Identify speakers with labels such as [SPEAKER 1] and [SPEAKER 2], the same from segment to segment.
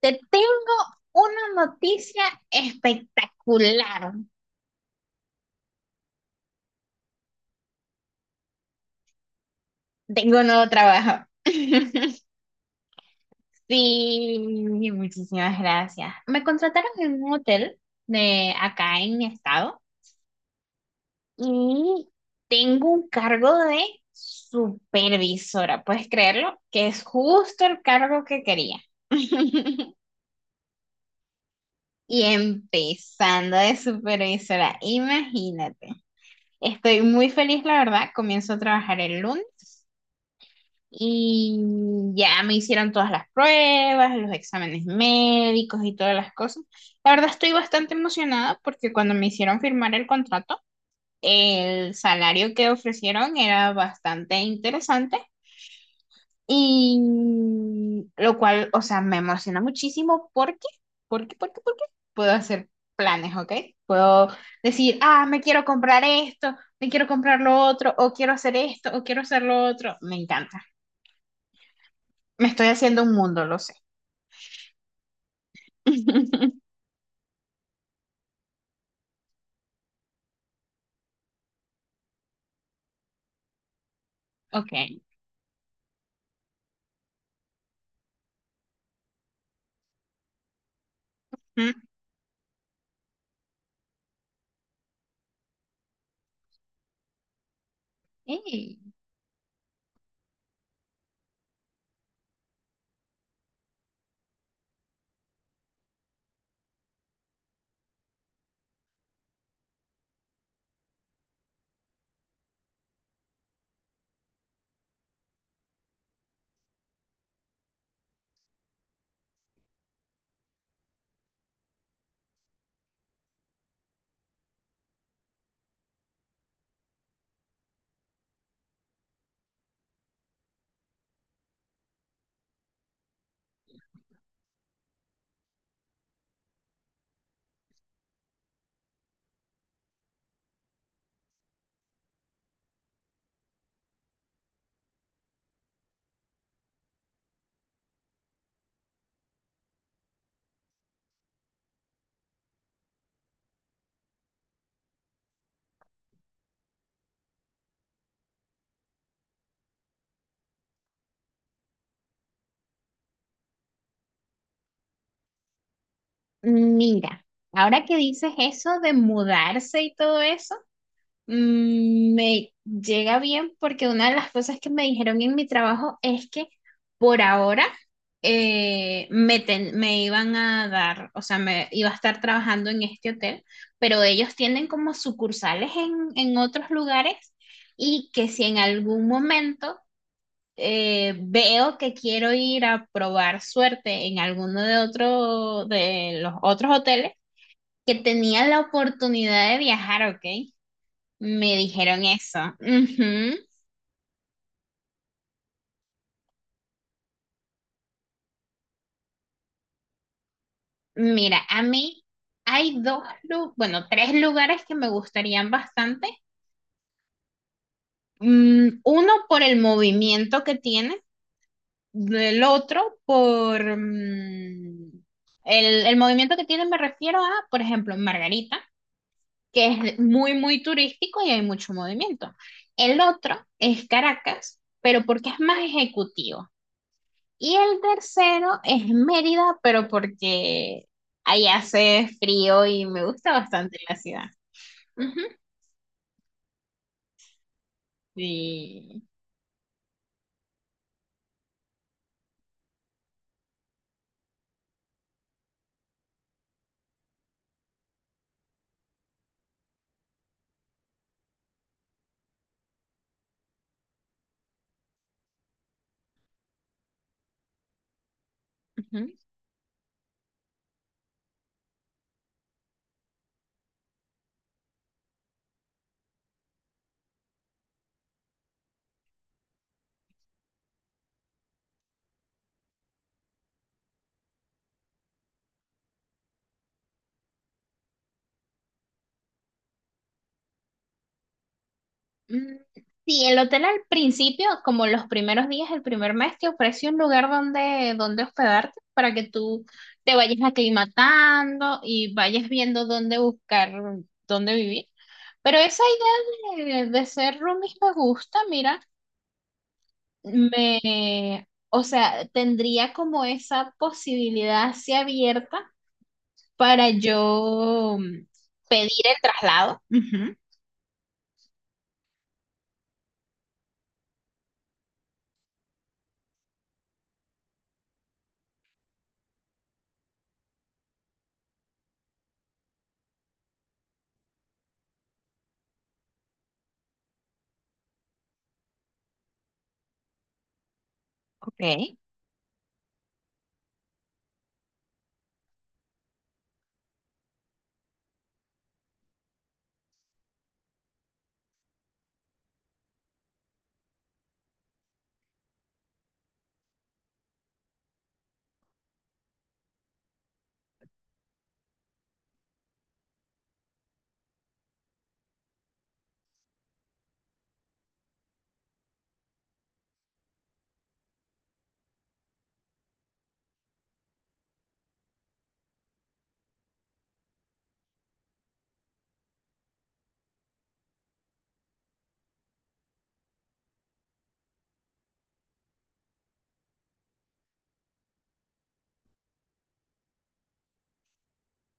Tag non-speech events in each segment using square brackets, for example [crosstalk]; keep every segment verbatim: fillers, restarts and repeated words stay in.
[SPEAKER 1] Te tengo una noticia espectacular. Tengo un nuevo trabajo. [laughs] Sí, muchísimas gracias. Me contrataron en un hotel de acá en mi estado y tengo un cargo de supervisora. ¿Puedes creerlo? Que es justo el cargo que quería. [laughs] Y empezando de supervisora, imagínate. Estoy muy feliz, la verdad. Comienzo a trabajar el lunes. Y ya me hicieron todas las pruebas, los exámenes médicos y todas las cosas. La verdad estoy bastante emocionada porque cuando me hicieron firmar el contrato, el salario que ofrecieron era bastante interesante y lo cual, o sea, me emociona muchísimo porque, porque, porque, porque puedo hacer planes, ¿ok? Puedo decir, ah, me quiero comprar esto, me quiero comprar lo otro, o quiero hacer esto, o quiero hacer lo otro. Me encanta. Me estoy haciendo un mundo, lo sé. [laughs] Ok. Mm, Ey, mira, ahora que dices eso de mudarse y todo eso, mm, me llega bien porque una de las cosas que me dijeron en mi trabajo es que por ahora eh, me, ten- me iban a dar, o sea, me iba a estar trabajando en este hotel, pero ellos tienen como sucursales en, en otros lugares y que si en algún momento eh, veo que quiero ir a probar suerte en alguno de otro de los otros hoteles que tenían la oportunidad de viajar, ¿ok? Me dijeron eso. Ujú. Mira, a mí hay dos, lu- bueno, tres lugares que me gustarían bastante. Mm, uno por el movimiento que tiene, el otro por mm, el, el movimiento que tiene me refiero a, por ejemplo, Margarita, que es muy, muy turístico y hay mucho movimiento. El otro es Caracas, pero porque es más ejecutivo. Y el tercero es Mérida, pero porque ahí hace frío y me gusta bastante la ciudad. Ujú. Sí. Mm, Sí, el hotel al principio, como los primeros días, el primer mes, te ofrece un lugar donde, donde hospedarte para que tú te vayas aclimatando y vayas viendo dónde buscar, dónde vivir. Pero esa idea de, de ser roomies me gusta, mira, me, o sea, tendría como esa posibilidad así abierta para yo mm, pedir el traslado. Ujú. Ok.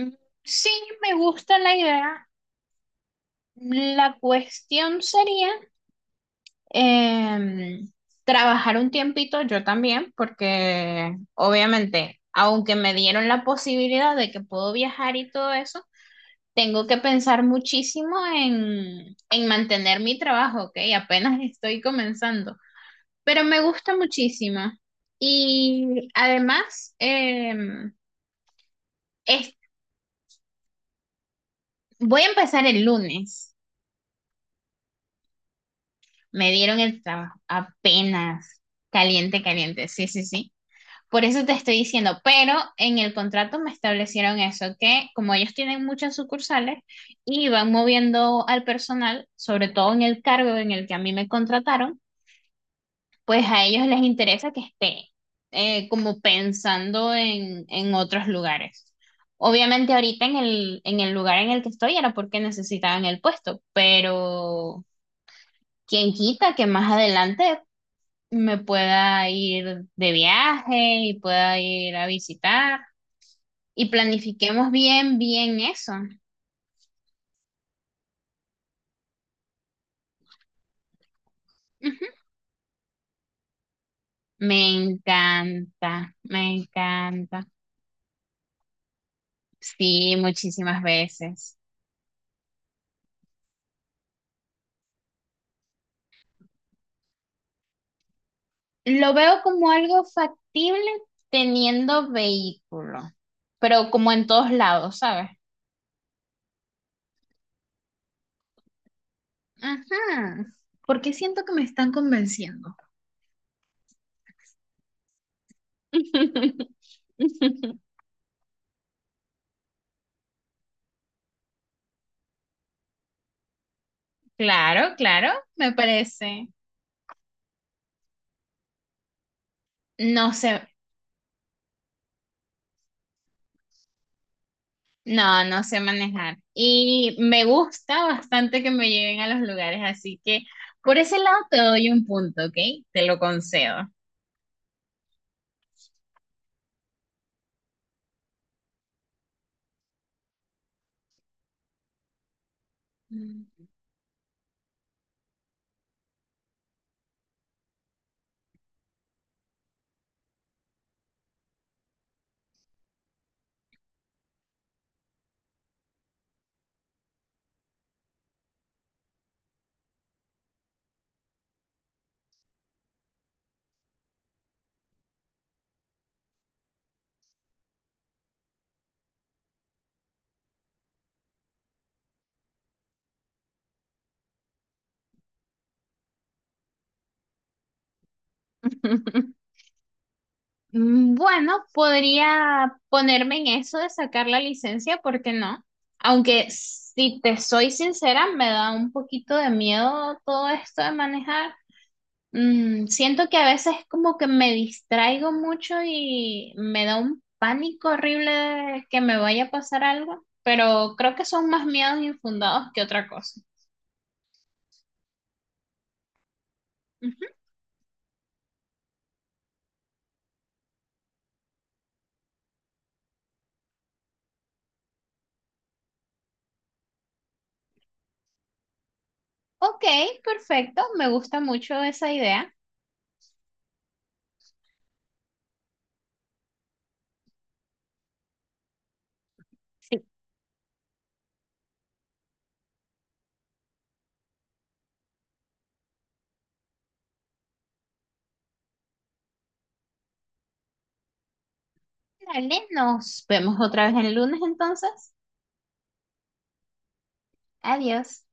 [SPEAKER 1] Mm, Sí, me gusta la idea. La cuestión sería em, trabajar un tiempito yo también, porque obviamente, aunque me dieron la posibilidad de que puedo viajar y todo eso, tengo que pensar muchísimo en, en mantener mi trabajo, ¿ok? Apenas [laughs] estoy comenzando, pero me gusta muchísimo. Y además, em, es- voy a empezar el lunes. Me dieron el trabajo apenas. Caliente, caliente, sí, sí, sí. Por eso te estoy diciendo, pero en el contrato me establecieron eso, que como ellos tienen muchas sucursales y van moviendo al personal, sobre todo en el cargo en el que a mí me contrataron, pues a ellos les interesa que esté eh, como pensando en, en otros lugares. Obviamente ahorita en el, en el lugar en el que estoy era porque necesitaban el puesto, pero quién quita que más adelante me pueda ir de viaje y pueda ir a visitar. Y planifiquemos bien, bien eso. Ujú. Me encanta, me encanta. Sí, muchísimas veces. Lo veo como algo factible teniendo vehículo, pero como en todos lados, ¿sabes? Ajá. Porque siento que me están convenciendo. [laughs] Claro, claro, me parece. No sé. No, no sé manejar. Y me gusta bastante que me lleven a los lugares, así que por ese lado te doy un punto, ¿ok? Te lo concedo. Mm. [laughs] Mm, Bueno, podría ponerme en eso de sacar la licencia, ¿por qué no? Aunque si te soy sincera, me da un poquito de miedo todo esto de manejar. Mm, siento que a veces como que me distraigo mucho y me da un pánico horrible de que me vaya a pasar algo, pero creo que son más miedos infundados que otra cosa. Ujú. Ok, perfecto, me gusta mucho esa idea. Sí. Dale, nos vemos otra vez el lunes entonces. Adiós.